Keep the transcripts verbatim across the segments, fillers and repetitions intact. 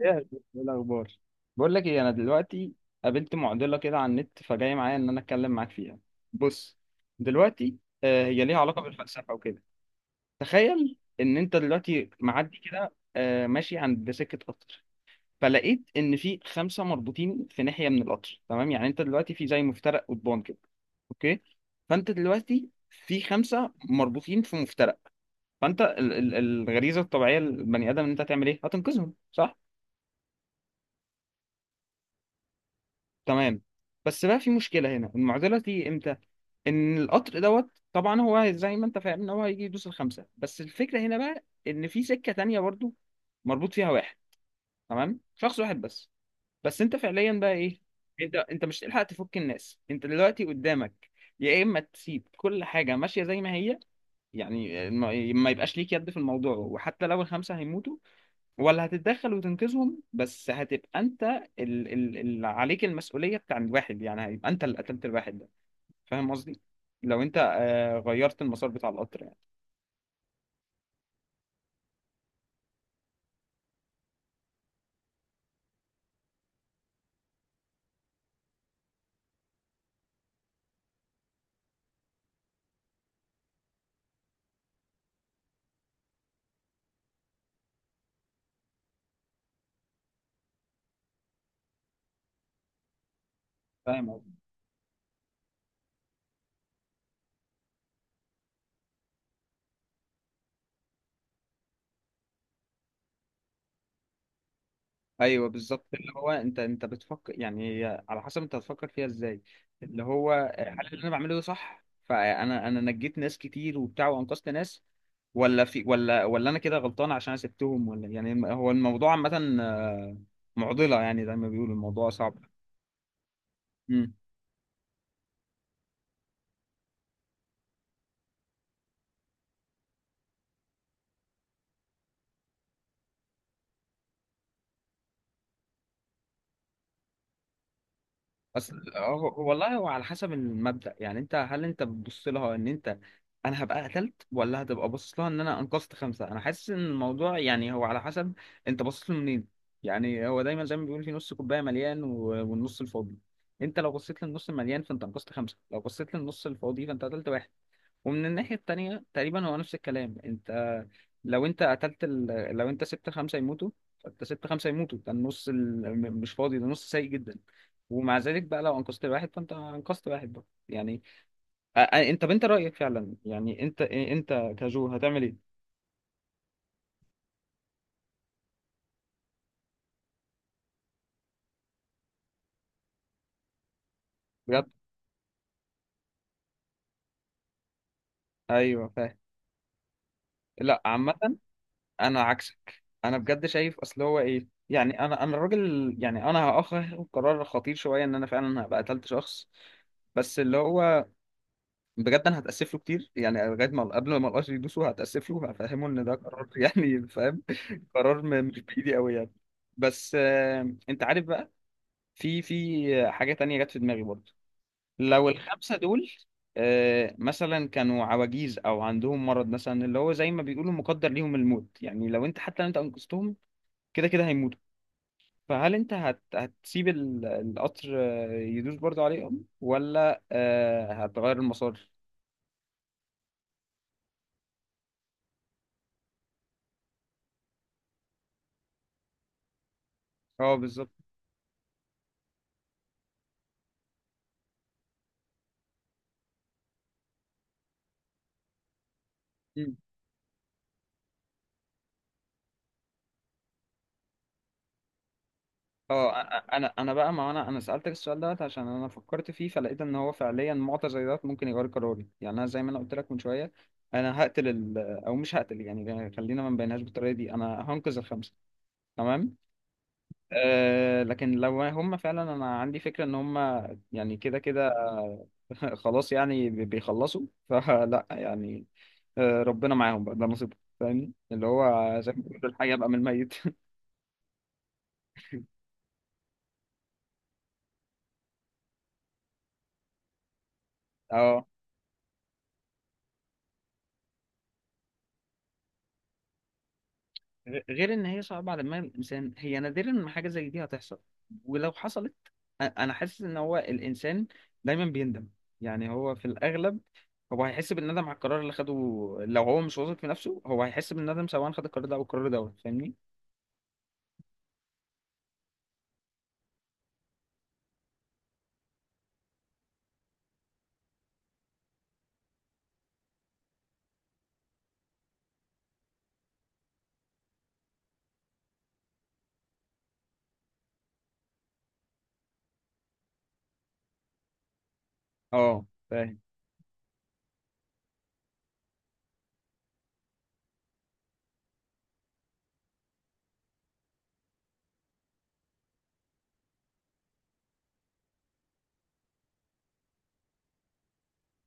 ايه يا شيخ؟ إيه الاخبار. بقول لك ايه، انا دلوقتي قابلت معضله كده على النت، فجاي معايا ان انا اتكلم معاك فيها. بص، دلوقتي آه، هي ليها علاقه بالفلسفه وكده. تخيل ان انت دلوقتي معدي كده آه، ماشي عند سكه قطر. فلقيت ان في خمسه مربوطين في ناحيه من القطر، تمام؟ يعني انت دلوقتي في زي مفترق قضبان كده. اوكي، فانت دلوقتي في خمسه مربوطين في مفترق. فانت ال- ال- الغريزه الطبيعيه للبني ادم ان انت هتعمل ايه، هتنقذهم، صح؟ تمام، بس بقى في مشكلة هنا، المعضلة دي امتى؟ ان القطر دوت طبعا هو زي ما انت فاهم ان هو هيجي يدوس الخمسة، بس الفكرة هنا بقى ان في سكة تانية برضو مربوط فيها واحد، تمام، شخص واحد بس. بس انت فعليا بقى ايه، انت انت مش هتلحق تفك الناس، انت دلوقتي قدامك يا اما تسيب كل حاجة ماشية زي ما هي، يعني ما ما يبقاش ليك يد في الموضوع وحتى لو الخمسة هيموتوا، ولا هتتدخل وتنقذهم، بس هتبقى انت ال- ال- اللي عليك المسؤولية بتاع الواحد، يعني هيبقى انت اللي قتلت الواحد ده. فاهم قصدي؟ لو انت آه، غيرت المسار بتاع القطر يعني. فاهم قصدي؟ ايوه، بالظبط، اللي هو انت انت بتفكر، يعني هي على حسب انت هتفكر فيها ازاي. اللي هو آه، هل اللي انا بعمله ده صح؟ فانا انا نجيت ناس كتير وبتاع، وانقذت ناس، ولا في، ولا ولا انا كده غلطان عشان انا سبتهم؟ ولا يعني الم- هو الموضوع عامة آه، معضلة، يعني زي ما بيقولوا الموضوع صعب. اصل هو- هو- والله هو على حسب المبدأ، يعني انت هل انت بتبص لها ان انت انا هبقى قتلت، ولا هتبقى باصص لها ان انا انقذت خمسة. انا حاسس ان الموضوع يعني هو على حسب انت باصص له منين. يعني هو دايما زي ما بيقول في نص كوباية مليان و- والنص الفاضي، انت لو بصيت للنص المليان فانت انقذت خمسة، لو بصيت للنص الفاضي فانت قتلت واحد. ومن الناحية التانية تقريبا هو نفس الكلام، انت لو انت قتلت ال... لو انت سبت خمسة يموتوا، فانت سبت خمسة يموتوا، ده النص ال... م- مش فاضي، ده نص سيء جدا. ومع ذلك بقى لو انقذت واحد فانت انقذت واحد بقى، يعني أ- أ- انت بنت رأيك فعلا، يعني انت انت كجو هتعمل ايه؟ بجد. ايوه فاهم. لا، عامة انا عكسك، انا بجد شايف اصل هو ايه، يعني انا انا الراجل، يعني انا هاخد قرار خطير شوية ان انا فعلا هبقى قتلت شخص، بس اللي هو بجد انا هتاسف له كتير، يعني لغايه ما قبل ما القش يدوسه هتاسف له هفهمه ان ده قرار يعني فاهم، قرار م- مش بايدي قوي يعني. بس آه، انت عارف بقى، في في حاجه تانية جت في دماغي برضه. لو الخمسه دول آه، مثلا كانوا عواجيز او عندهم مرض مثلا، اللي هو زي ما بيقولوا مقدر ليهم الموت، يعني لو انت، حتى لو انت انقذتهم كده كده هيموتوا، فهل انت هت... هتسيب ال- القطر آه، يدوس برضه عليهم، ولا آه، هتغير المسار؟ اه بالظبط. اه، أ- انا انا بقى ما انا انا سالتك السؤال دوت عشان انا فكرت فيه فلقيت ان هو فعليا معطى زي دوت ممكن يغير قراري، يعني انا زي ما انا قلت لك من شويه انا هقتل ال... او مش هقتل، يعني خلينا ما نبينهاش بالطريقه دي، انا هنقذ الخمسه، تمام. أه لكن لو هم فعلا، انا عندي فكره ان هم يعني كده كده خلاص، يعني بي- بيخلصوا، فلا يعني آه، ربنا معاهم بقى، ده نصيبهم، فاهمني؟ اللي هو زي ما بيقولوا الحي يبقى من الميت اه، غ- غير ان هي صعبه على دماغ الانسان، هي نادرا ما حاجه زي دي هتحصل، ولو حصلت أ- انا حاسس ان هو الانسان دايما بيندم، يعني هو في الاغلب هو هيحس بالندم على القرار اللي خده. لو هو مش واثق في نفسه هو هيحس بالندم سواء خد القرار ده او القرار ده، فاهمني؟ اه فاهم.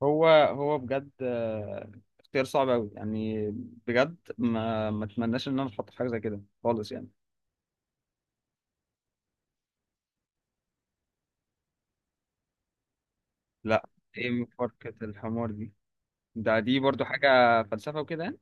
هو هو بجد آه، اختيار صعب قوي يعني، بجد ما ما اتمناش ان انا اتحط في حاجه زي كده خالص يعني. لا. ايه مفارقه الحمار دي؟ ده دي برضو حاجه فلسفه وكده يعني؟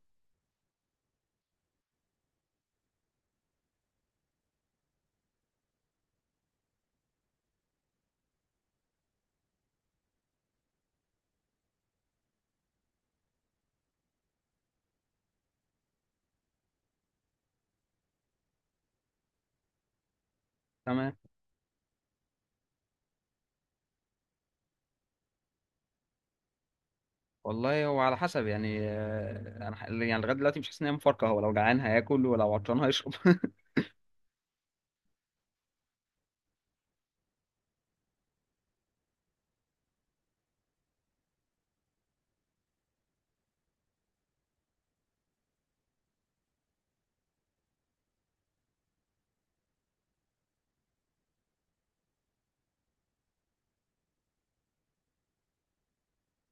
تمام. والله هو على حسب، يعني آه، انا ح- يعني لغايه دلوقتي مش حاسس ان هي مفارقه، هو لو جعان هياكل ولو عطشان هيشرب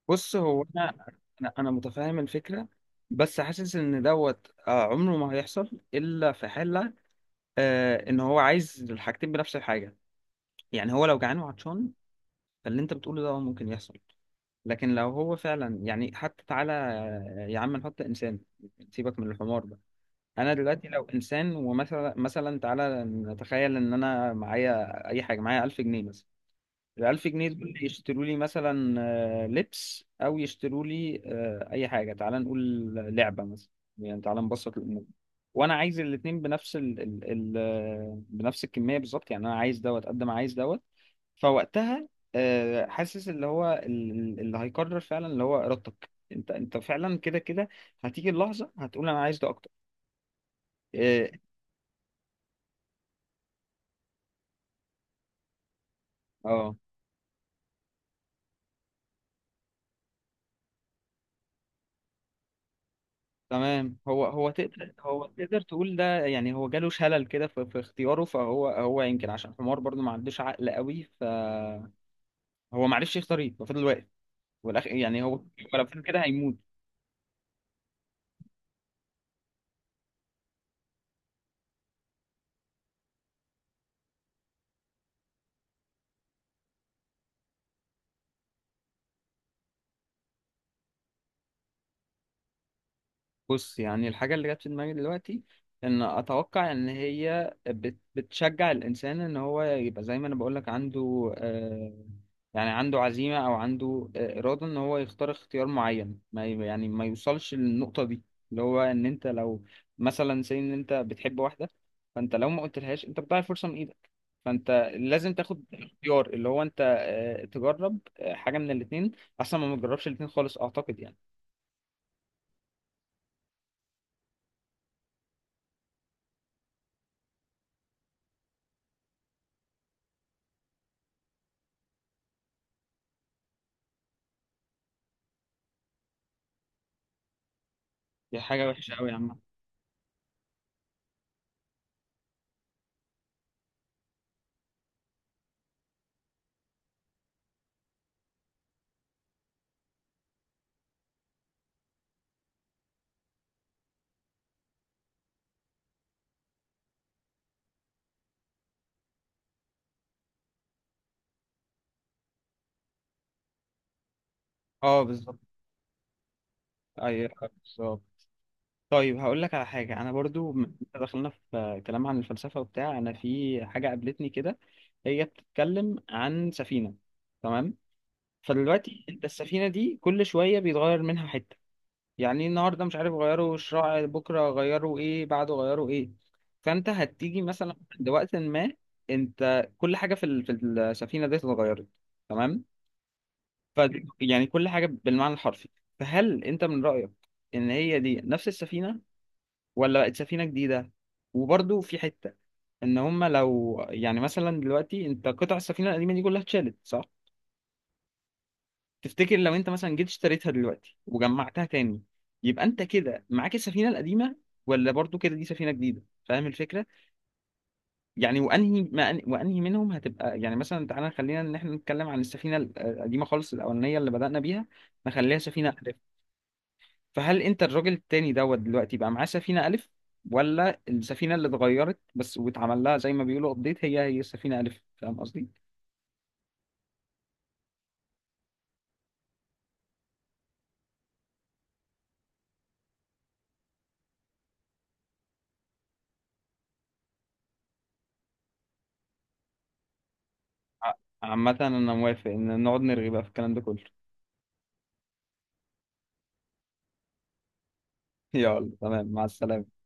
بص هو انا انا أنا متفاهم الفكره، بس حاسس ان دوت آه، عمره ما هيحصل الا في حاله آه، ان هو عايز الحاجتين بنفس الحاجه، يعني هو لو جعان وعطشان فاللي انت بتقوله ده ممكن يحصل. لكن لو هو فعلا، يعني حتى تعالى آه، يا عم نحط انسان، سيبك من الحمار ده. انا دلوقتي لو انسان، ومثلا، مثلا تعالى نتخيل ان انا معايا اي حاجه، معايا ألف جنيه مثلا، ال ألف جنيه دول يشتروا لي مثلا آه، لبس، او يشتروا لي آه، اي حاجه، تعالى نقول لعبه مثلا، يعني تعالى نبسط الامور. وانا عايز الاتنين بنفس ال ال ال آه، بنفس الكميه بالظبط، يعني انا عايز دوت قد ما عايز دوت. فوقتها آه، حاسس اللي هو ال- اللي هيقرر فعلا اللي هو ارادتك انت انت فعلا كده كده هتيجي اللحظه هتقول انا عايز ده اكتر. اه. آه. تمام. هو هو تقدر هو تقدر تقول ده، يعني هو جاله شلل كده في, في اختياره، فهو هو يمكن عشان حمار برضو ما عندوش عقل قوي، فهو ما عرفش يختار ايه ففضل واقف، والاخ يعني هو لو فضل كده هيموت. بص يعني الحاجة اللي جت في دماغي دلوقتي، إن أتوقع إن هي بت- بتشجع الإنسان إن هو يبقى زي ما أنا بقولك عنده آه، يعني عنده عزيمة، أو عنده آه، إرادة إن هو يختار اختيار معين، ما ي- يعني ما يوصلش للنقطة دي. اللي هو إن أنت لو مثلا سي إن أنت بتحب واحدة، فأنت لو ما قلتلهاش أنت بتضيع الفرصة من إيدك، فأنت لازم تاخد اختيار اللي هو أنت آه، تجرب آه، حاجة من الاتنين أحسن ما ما تجربش الاتنين خالص، أعتقد يعني. دي حاجة وحشة أوي يا عم. اه بالظبط. ايوه بالظبط. طيب هقول لك على حاجه، انا برضو م- إنت دخلنا في كلام عن الفلسفه وبتاع، انا في حاجه قابلتني كده، هي بتتكلم عن سفينه، تمام؟ فدلوقتي انت السفينه دي كل شويه بيتغير منها حته، يعني إيه، النهارده مش عارف غيروا الشراع، بكره غيروا ايه، بعده غيروا ايه، فانت هتيجي مثلا عند وقت ما انت كل حاجه في ال- في السفينه دي اتغيرت، تمام؟ ف يعني كل حاجه بالمعنى الحرفي. فهل انت من رايك ان هي دي نفس السفينه، ولا بقت سفينة جديدة؟ وبرضو في حتة ان هما لو، يعني مثلا دلوقتي انت قطع السفينة القديمة دي كلها اتشالت، صح؟ تفتكر لو انت مثلا جيت اشتريتها دلوقتي وجمعتها تاني، يبقى انت كده معاك السفينة القديمة، ولا برضو كده دي سفينة جديدة؟ فاهم الفكرة؟ يعني وانهي ما أن... وانهي منهم هتبقى، يعني مثلا، تعالى خلينا ان احنا نتكلم عن السفينة القديمة خالص الاولانية اللي بدأنا بيها، نخليها سفينة. فهل انت الراجل التاني دوت دلوقتي بقى معاه سفينة ألف، ولا السفينة اللي اتغيرت بس واتعمل لها زي ما بيقولوا ابديت هي هي السفينة ألف؟ فاهم قصدي؟ عامة أنا موافق إن نقعد نرغي بقى في الكلام ده كله. يلا تمام، مع السلامة.